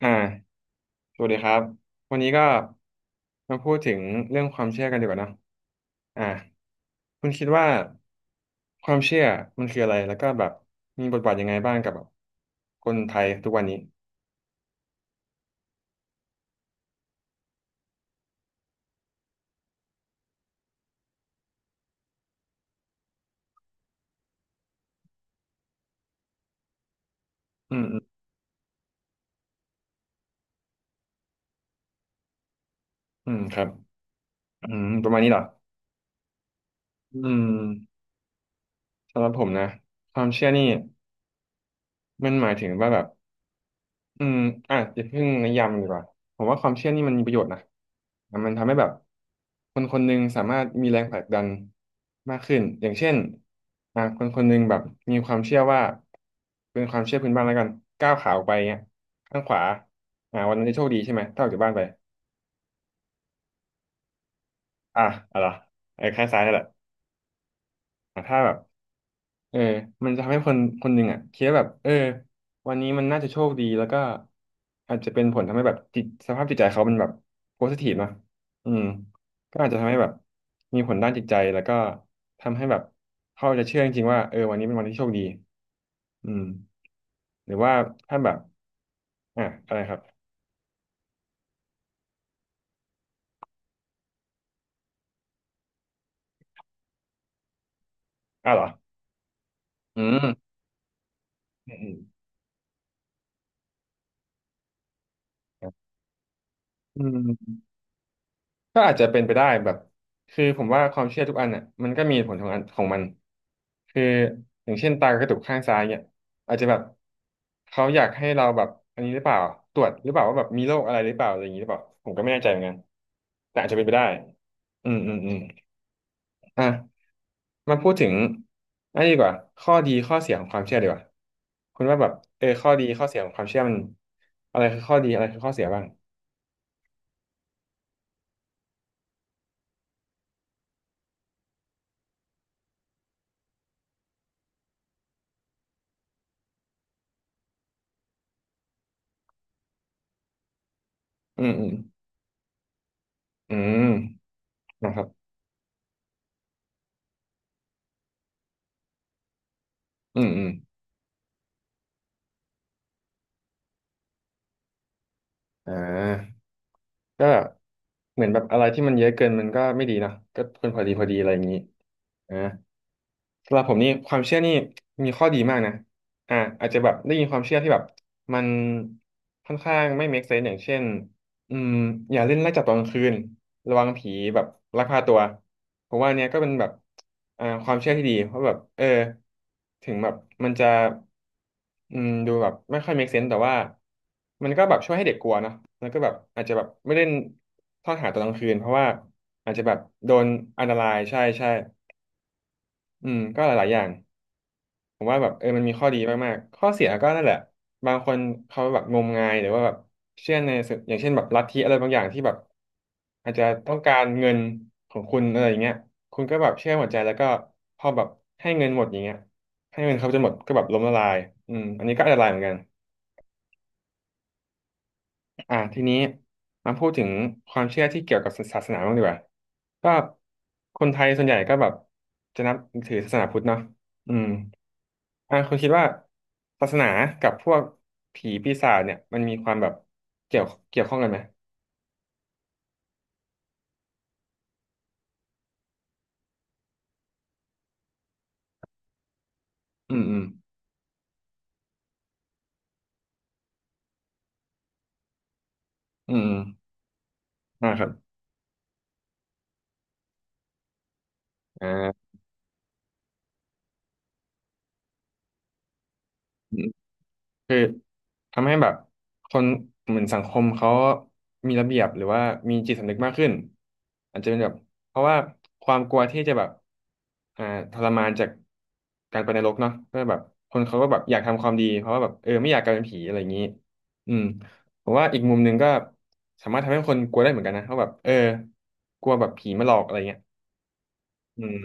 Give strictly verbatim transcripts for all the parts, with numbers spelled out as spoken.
อ่าสวัสดีครับ วันนี้ก็มาพูดถึงเรื่องความเชื่อกันดีกว่าเนอะอ่าคุณคิดว่าความเชื่อมันคืออะไร แล้วก็แบบมีบทบาทยังไงบ้างกับแบบคนไทยทุกวันนี้อืมอืมอืมครับอืมประมาณนี้เหรออืมสำหรับผมนะ ความเชื่อนี่มันหมายถึงว่าแบบ อืมอ่ะอย่าเพิ่งนิยามมันดีกว่าผมว่าความเชื่อนี่มันมีประโยชน์นะอ่ะมันทำให้แบบคนคนหนึ่งสามารถมีแรงผลักดันมากขึ้นอย่างเช่นอ่ะคนคนหนึ่งแบบมีความเชื่อว่าเป็นความเชื่อพื้นบ้านแล้วกันก้าวขาออกไปเงี้ยข้างขวาอ่ะวันนั้นจะโชคดีใช่ไหมถ้าออกจากบ้านไปอ่ะอะไรอไอ้ข้างซ้ายนั่นแหละอ่ะถ้าแบบ เออมันจะทำให้คนคนหนึ่งอ่ะคิดว่าแบบเออวันนี้มันน่าจะโชคดีแล้วก็อาจจะเป็นผลทำให้แบบจิตสภาพจิตใจเขามันแบบโพสิทีฟเนอะอืมก็อาจจะทำให้แบบมีผลด้านจิตใจแล้วก็ทำให้แบบเขาจะเชื่อจริงๆว่าเออวันนี้เป็นวันที่โชคดีอืมหรือว่าถ้าแบบอ่ะอะไรครับอ่ะเหรออืมอืมอืมอืม ก็อาจจะเป็นไปได้แบบคือผมว่าความเชื่อทุกอันอ่ะมันก็มีเหตุผลของอันของมันคืออย่างเช่นตากระตุกข้างซ้ายเนี่ยอาจจะแบบเขาอยากให้เราแบบอันนี้หรือเปล่าตรวจหรือเปล่าว่าแบบมีโรคอะไรหรือเปล่าอะไรอย่างนี้หรือเปล่าผมก็ไม่แน่ใจเหมือนกันแต่อาจจะเป็นไปได้อืมอืมอืมอ่ะมาพูดถึงอันนี้ดีกว่าข้อดีข้อเสียของความเชื่อดีกว่าคุณว่าแบบเออข้อดีข้อเสียของความเชื่อมันอะไรคือข้อดีอะไรคือข้อเสียบ้างอืมอืมอืมนะครับอืมอืม อ่าก็เหมือนแบบอะไรที่มันเยอะเกินมันก็ไม่ดีเนอะก็ควรพอดีพอดีอะไรอย่างนี้อ่า สำหรับผมนี่ความเชื่อนี่มีข้อดีมากนะอ่าอาจจะแบบได้ยินความเชื่อที่แบบมันค่อนข้างไม่ make sense อย่างเช่นอืมอย่าเล่นไล่จับตอนกลางคืนระวังผีแบบลักพาตัวผมว่าอันเนี้ยก็เป็นแบบอ่าความเชื่อที่ดีเพราะแบบเออถึงแบบมันจะอืมดูแบบไม่ค่อย make sense แต่ว่ามันก็แบบช่วยให้เด็กกลัวเนอะแล้วก็แบบอาจจะแบบไม่เล่นทอดหาตอนกลางคืนเพราะว่าอาจจะแบบโดนอันตรายใช่ใช่อืมก็หลายๆอย่าง ผมว่าแบบเออมันมีข้อดีมากๆข้อเสียก็นั่นแหละบางคนเขาแบบงมงายหรือว่าแบบเชื่อในสิ่งอย่างเช่นแบบลัทธิอะไรบางอย่างที่แบบอาจจะต้องการเงินของคุณอะไรอย่างเงี้ยคุณก็แบบเชื่อหมดใจแล้วก็พอแบบให้เงินหมดอย่างเงี้ยให้เงินเขาจนหมดก็แบบล้มละลายอืมอันนี้ก็อันตรายเหมือนกันอ่าทีนี้มาพูดถึงความเชื่อที่เกี่ยวกับศาสนาบ้างดีกว่าก็คนไทยส่วนใหญ่ก็แบบจะนับถือศาสนาพุทธเนาะอืม อ่าคุณคิดว่าศาสนากับพวกผีปีศาจเนี่ยมันมีความแบบเกี่ยวเกี่ยวข้องกันไหมอืมอืมอืมอืมอ่าครับอ่า คือทำให้แบบคนเหมือนสังคมเขามีระเบียบหรือว่ามีจิตสำนึกมากขึ้นอาจจะเป็นแบบเพราะว่าความกลัวที่จะแบบอ่าทรมานจากการไปนรกเนาะก็แบบคนเขาก็แบบอยากทำความดีเพราะว่าแบบเออไม่อยากกลายเป็นผีอะไรอย่างนี้อืมผมว่าอีกมุมหนึ่งก็สามารถทำให้คนกลัวได้เหมือนกันนะเพราะแบบเออกลัวแบบผีมาหลอกอะไรเงี้ยอืม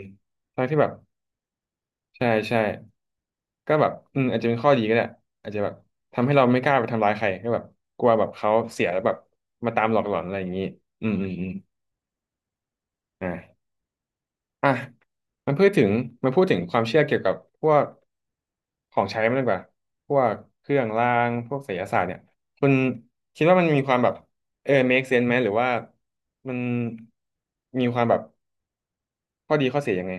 ทางที่แบบใช่ใช่ ก็แบบอืมอาจจะเป็นข้อดีก็ได้อาจจะแบบทำให้เราไม่กล้าไปทำร้ายใครก็แบบกลัวแบบเขาเสียแล้วแบบมาตามหลอกหลอนอะไรอย่างนี้อืมอืมอืมอ่าอ่ะมันพูดถึงมันพูดถึงความเชื่อเกี่ยวกับพวกของใช้มันดีกว่า พวกเครื่องราง พวกไสยศาสตร์เนี่ย คุณคิดว่ามันมีความแบบเออ make sense ไหมหรือว่ามันมีความแบบข้อดีข้อเสียยังไง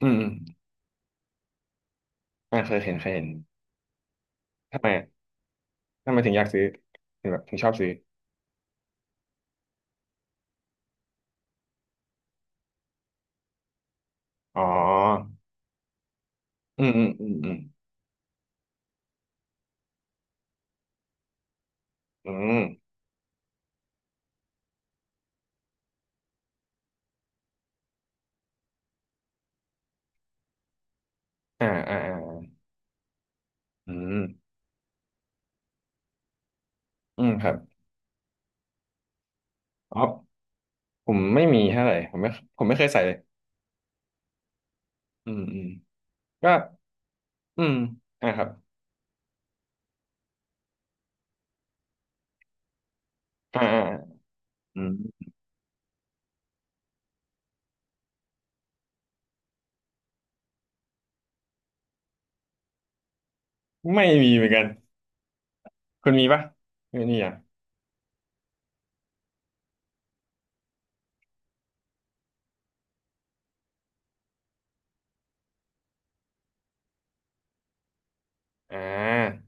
อืม อืมอ่าเคยเห็นเคยเห็นทำไมอะทำไมถึงอยากซื้อ ถึงแบบถึงชอบซื้ออ๋อ อืมอืมอืมอืมอืมอ่าอ่าอ่าอืมอืมครับอ๋อผมไม่มีเท่าไหร่ผมไม่ผมไม่เคยใส่เลยอืมอืมก็อืมอ่าครับอ่าอ่าอืมไม่มีเหมือนกันคุณมีปะไม่มีอ่ะอ่า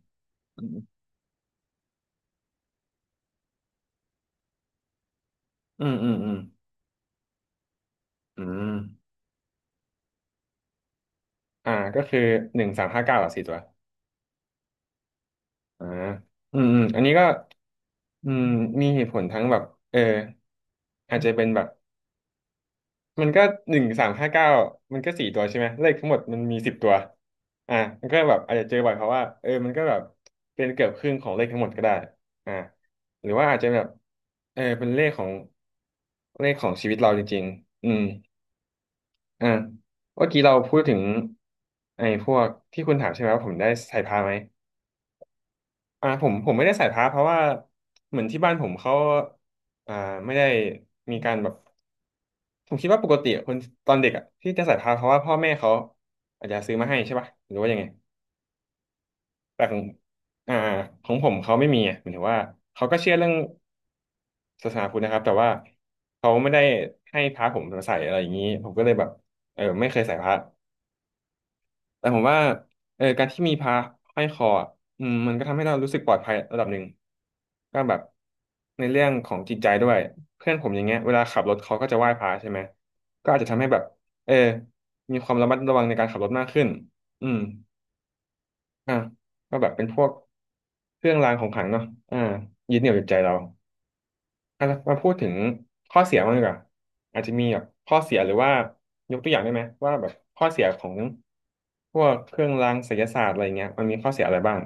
อืมอืมอืมอืมอืมอ่าก็คือหนึ่งสามห้าเก้าอ่ะสี่ตัวอ่าอืมอืมอันนี้ก็อืมมีเหตุผลทั้งแบบเอออาจจะเป็นแบบ มันก็หนึ่งสามห้าเก้ามันก็สี่ตัวใช่ไหมเลขทั้งหมดมันมีสิบตัวอ่ามันก็แบบอาจจะเจอบ่อยเพราะว่าเออมันก็แบบเป็นเกือบครึ่งของเลขทั้งหมดก็ได้อ่าหรือว่าอาจจะแบบเออเป็นเลขของเลขของชีวิตเราจริงๆอืมอ่าเมื่อกี้เราพูดถึงไอ้พวกที่คุณถามใช่ไหมว่าผมได้ใส่พระไหมอ่าผมผมไม่ได้ใส่พระเพราะว่าเหมือนที่บ้านผมเขาอ่าไม่ได้มีการแบบ ผมคิดว่าปกติคนตอนเด็กอ่ะที่จะใส่พานเพราะว่าพ่อแม่เขาอาจจะซื้อมาให้ใช่ป่ะหรือว่ายังไงแต่ของอ่าของผมเขาไม่มีอ่ะหมายถึงว่าเขาก็เชื่อเรื่องศาสนาพุทธนะครับแต่ว่าเขาไม่ได้ให้พระผมใส่อะไรอย่างนี้ผมก็เลยแบบเออไม่เคยใส่พระ แต่ผมว่าเออการที่มีพระห้อยคออะอืมมันก็ทำให้เรารู้สึกปลอดภัยระดับหนึ่งก็แบบในเรื่องของจิตใจด้วยเพื่อนผมอย่างเงี้ยเวลาขับรถเขาก็จะไหว้พระใช่ไหมก็อาจจะทำให้แบบเออมีความระมัดระวังในการขับรถมากขึ้นอืมอ่ะก็แบบเป็นพวกเครื่องรางของขลังเนาะอ่ายึดเหนี่ยวจิตใจเรา อ่ะมาพูดถึงข้อเสียบ้างดีกว่าอาจจะมีแบบข้อเสียหรือว่ายกตัวอย่างได้ไหมว่าแบบข้อเสียของพวกเครื่องรางไสยศาสตร์อะไรเงี้ยมันมีข้อเสียอะไรบ้าง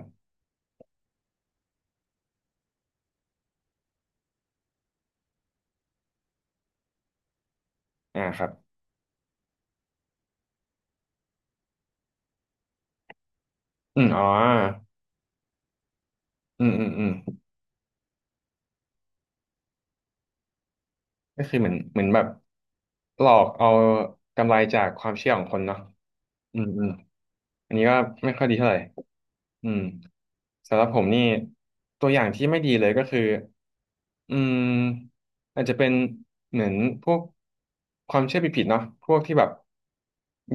อ่าครับอืมอ๋ออืมอืมอืมก็คือเหมือนเหมือนแบบหลอกเอากำไรจากความเชื่อของคนเนาะอืมอืมอันนี้ก็ไม่ค่อยดีเท่าไหร่อืมสำหรับผมนี่ตัวอย่างที่ไม่ดีเลยก็คือ อืมอาจจะเป็นเหมือนพวกความเชื่อผิดๆเนาะพวกที่แบบ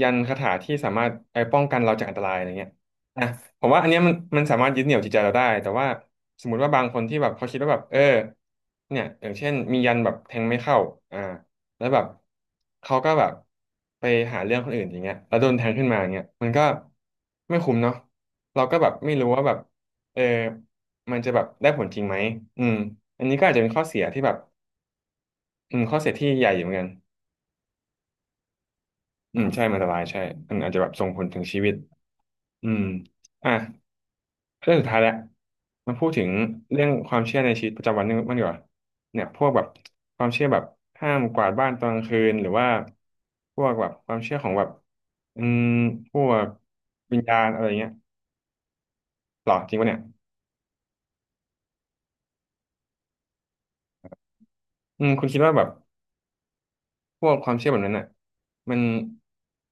ยันคาถาที่สามารถไปป้องกันเราจากอันตรายอะไรเงี้ยอ่ะผมว่าอันเนี้ยมันมันสามารถยึดเหนี่ยวจิตใจเราได้แต่ว่าสมมุติว่าบางคนที่แบบเขาคิดว่าแบบเออเนี่ยอย่างเช่นมียันแบบแทงไม่เข้าอ่าแล้วแบบเขาก็แบบไปหาเรื่องคนอื่นอย่างเงี้ยแล้วโดนแทงขึ้นมาอย่างเงี้ยมันก็ไม่คุ้มเนาะเราก็แบบไม่รู้ว่าแบบเออ มันจะแบบได้ผลจริงไหมอืมอันนี้ก็อาจจะเป็นข้อเสียที่แบบอืมข้อเสียที่ใหญ่อยู่เหมือนกันอืมใช่มันอันตรายใช่มันอาจจะแบบส่งผลถึงชีวิตอืมอ่ะเรื่องสุดท้ายแล้วมาพูดถึงเรื่องความเชื่อในชีวิตประจำวันนึงมันดีกว่าเนี่ยพวกแบบความเชื่อแบบห้ามกวาดบ้านตอนกลางคืนหรือว่าพวกแบบความเชื่อของแบบอืมพวกวิญญาณอะไรเงี้ยหรอจริงปะเนี่ยอืมคุณคิดว่าแบบพวกความเชื่อแบบนั้นน่ะมัน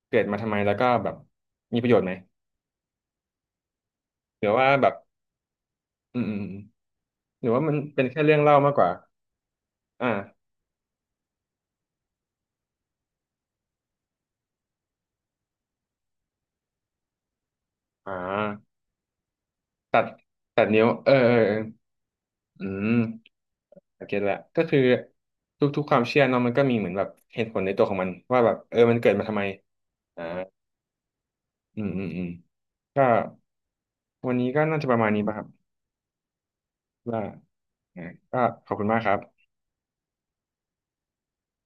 เกิดมาทำไมแล้วก็แบบมีประโยชน์ไหม หรือว่าแบบอืมอืมอืมหรือว่ามันเป็นแค่เรื่องเล่ามากกว่าอ่าอ่าตัดตัดนิ้วเออเออเอออืมโอเคละก็คือทุกๆความเชื่อเนาะมันก็มีเหมือนแบบเหตุผลในตัวของมันว่าแบบเออมันเกิดมาทำไมอ่าอืมอืมอืมก็วันนี้ก็น่าจะประมาณนี้ป่ะครับว่าอ่าก็ขอบคุณมากครับ